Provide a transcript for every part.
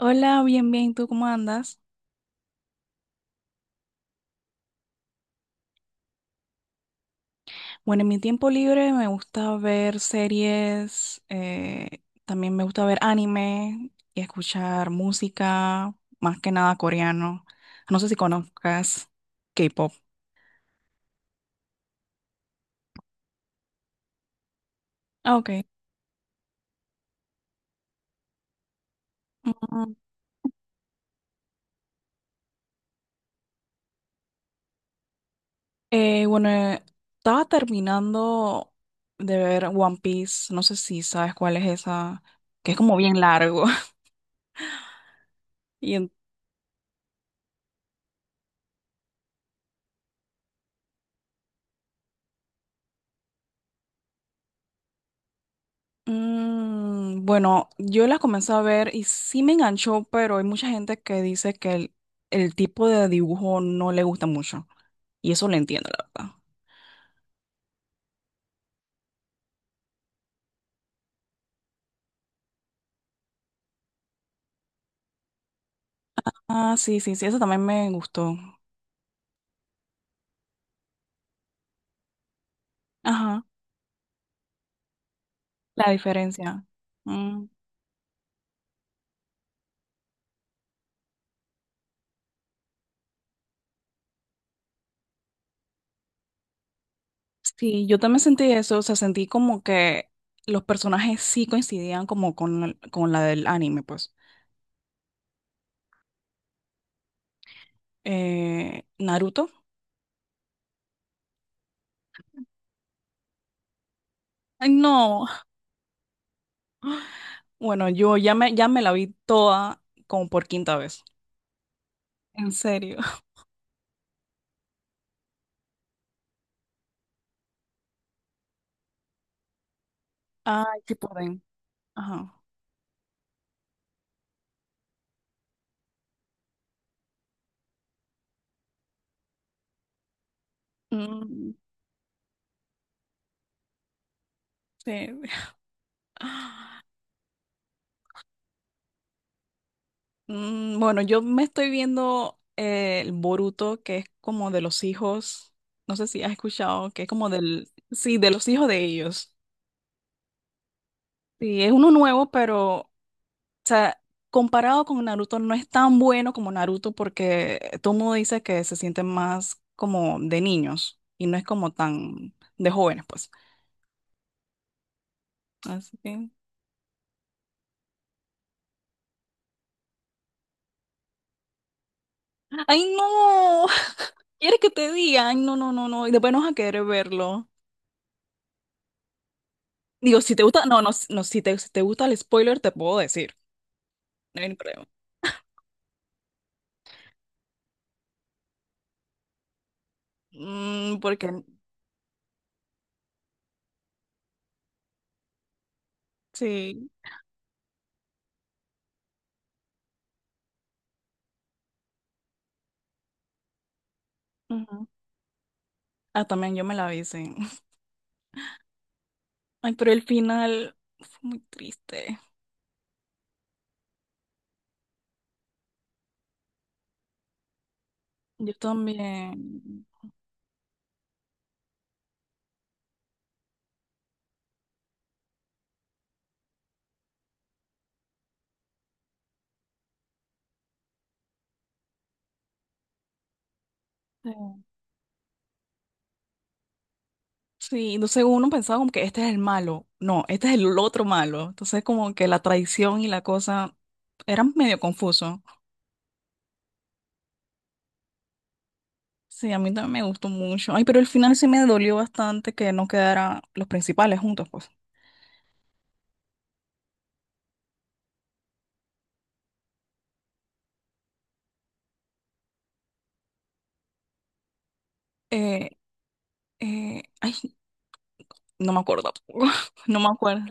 Hola, bien, bien, ¿tú cómo andas? Bueno, en mi tiempo libre me gusta ver series, también me gusta ver anime y escuchar música, más que nada coreano. No sé si conozcas K-pop. Ah, ok. Ujú. Eh, bueno, eh, estaba terminando de ver One Piece, no sé si sabes cuál es esa, que es como bien largo. Y mm, bueno, yo la comencé a ver y sí me enganchó, pero hay mucha gente que dice que el tipo de dibujo no le gusta mucho. Y eso lo entiendo, la verdad. Ah, sí, sí, sí, eso también me gustó. Ajá, la diferencia. Mm, sí, yo también sentí eso, o sea, sentí como que los personajes sí coincidían como con, con la del anime, pues. Naruto. Ay, no. Bueno, ya me la vi toda como por quinta vez. En serio. Ay, qué pueden. Ajá. Mm, sí. Mm, bueno, yo me estoy viendo el Boruto, que es como de los hijos. No sé si has escuchado, que es como del. Sí, de los hijos de ellos. Sí, es uno nuevo, pero. O sea, comparado con Naruto, no es tan bueno como Naruto, porque todo el mundo dice que se sienten más como de niños y no es como tan de jóvenes, pues. Así que. ¡Ay, no! ¿Quieres que te digan? No, no, no, no. Y después no vas a querer verlo. Digo, si te gusta, no, no, no, si te gusta el spoiler, te puedo decir. No hay ningún problema. Mm, porque, sí. Ujú. Ah, también yo me la vi, sí. Ay, pero el final fue muy triste. Yo también. Sí, sí, entonces uno pensaba como que este es el malo. No, este es el otro malo. Entonces como que la traición y la cosa eran medio confuso. Sí, a mí también me gustó mucho. Ay, pero el final sí me dolió bastante que no quedaran los principales juntos, pues. Eh, ay, no me acuerdo tampoco. No me acuerdo.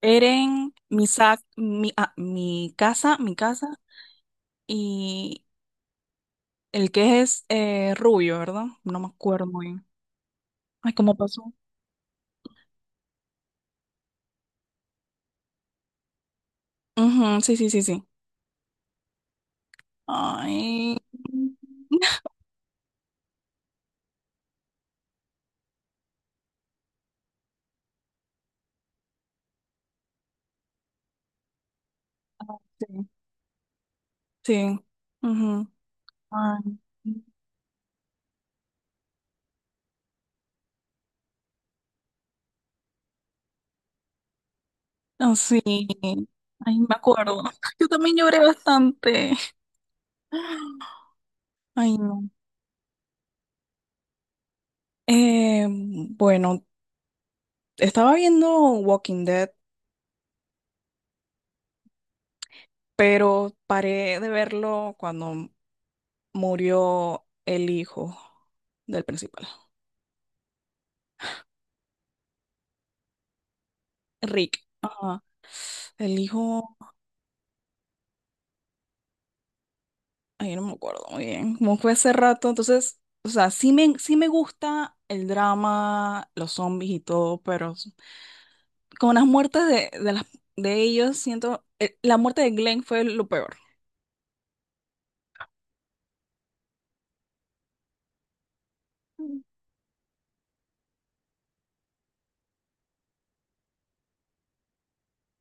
Eren, Misak, mi casa y el que es rubio, ¿verdad? No me acuerdo muy bien. Ay, ¿cómo pasó? Ujú, sí, sí, sí, sí. Ay, ah, sí, sí. Ujú. Ay. Ah, sí. Ay, me acuerdo. Yo también lloré bastante. Ay, no. Eh, bueno, estaba viendo Walking Dead, pero paré de verlo cuando murió el hijo del principal, Rick. Ajá. El hijo, ay, no me acuerdo muy bien, como fue hace rato, entonces, o sea, sí me gusta el drama, los zombies y todo, pero con las muertes de ellos, siento, la muerte de Glenn fue lo peor. Mm.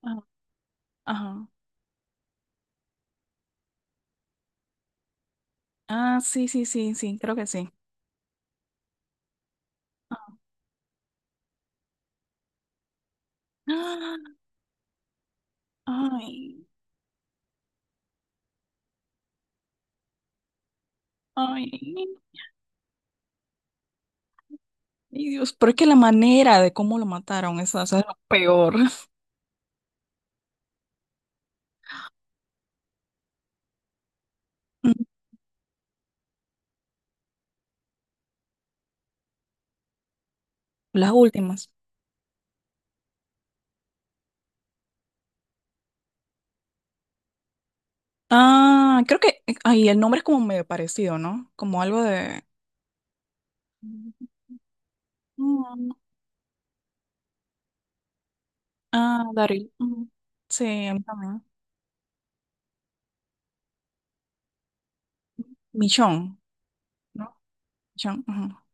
Ajá. Ajá. Ah, sí, sí, sí, sí, creo que sí. Ajá. Ah, ay, ay, ay, Dios, pero es que la manera de cómo lo mataron, eso es lo peor. Mm. Las últimas. Ah, creo que, ay, el nombre es como medio parecido, ¿no? Como algo de... Mm. Ah, Daryl. Mm. Sí, a mí también. Michonne, ¿no? Michonne, ajá.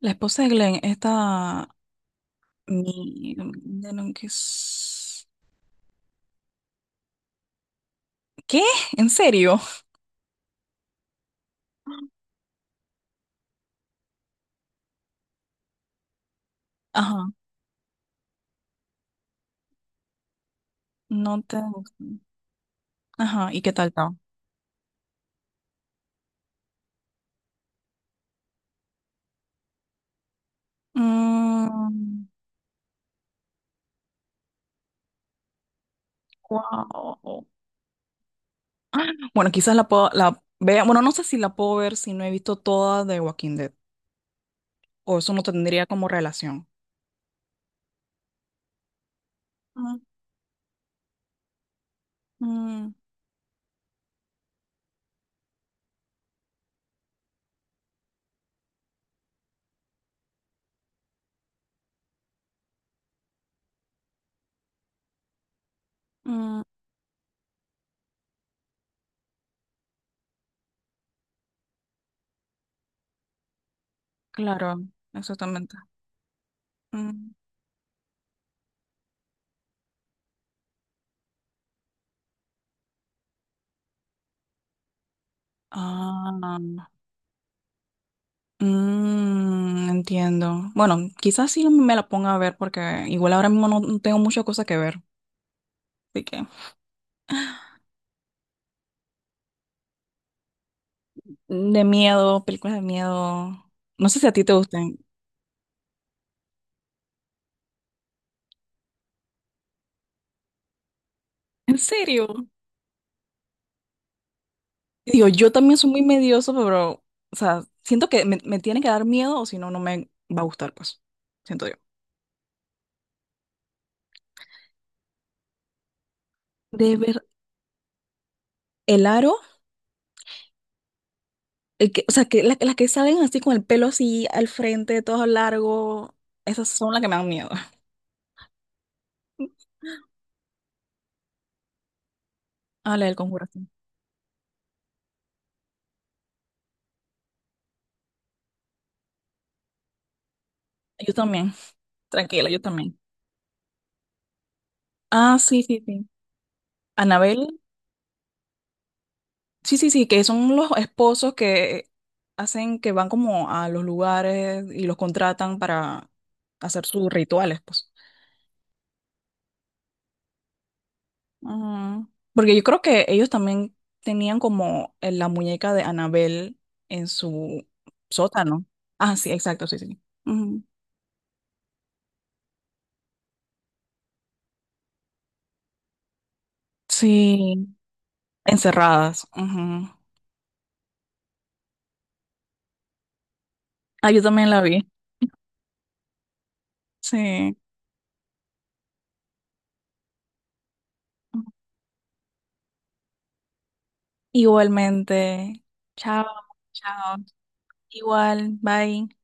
La esposa de Glenn, esta mi, de lo que es... ¿Qué? ¿En serio? Ajá, no te gustan. Ajá, ¿y qué tal estaba? Mm, wow. Bueno, la vea, bueno, no sé si la puedo ver si no he visto toda de Walking Dead, o eso no tendría como relación. Mm, mm, mm, claro, exactamente. Mm. Ah, mm, entiendo. Bueno, quizás sí me la ponga a ver porque igual ahora mismo no tengo muchas cosas que ver. Así que de miedo, películas de miedo. No sé si a ti te gustan. ¿En serio? Digo, yo también soy muy medioso, pero, o sea, siento que me tiene que dar miedo o si no, no me va a gustar, pues. Siento yo. De ver el aro, el que, o sea, las que salen así con el pelo así al frente, todo largo, esas son las que me dan miedo. Ah, la del Conjuración. Yo también. Tranquila, yo también. Ah, sí, sí, sí. Anabel. Sí, sí, sí, que son los esposos que hacen que van como a los lugares y los contratan para hacer sus rituales, pues. Ah, porque yo creo que ellos también tenían como en la muñeca de Anabel en su sótano. Ah, sí, exacto, sí, sí. Ujú. Sí, encerradas. Ujú. Ah, yo también la vi. Sí. Igualmente. Chao, chao. Igual, bye.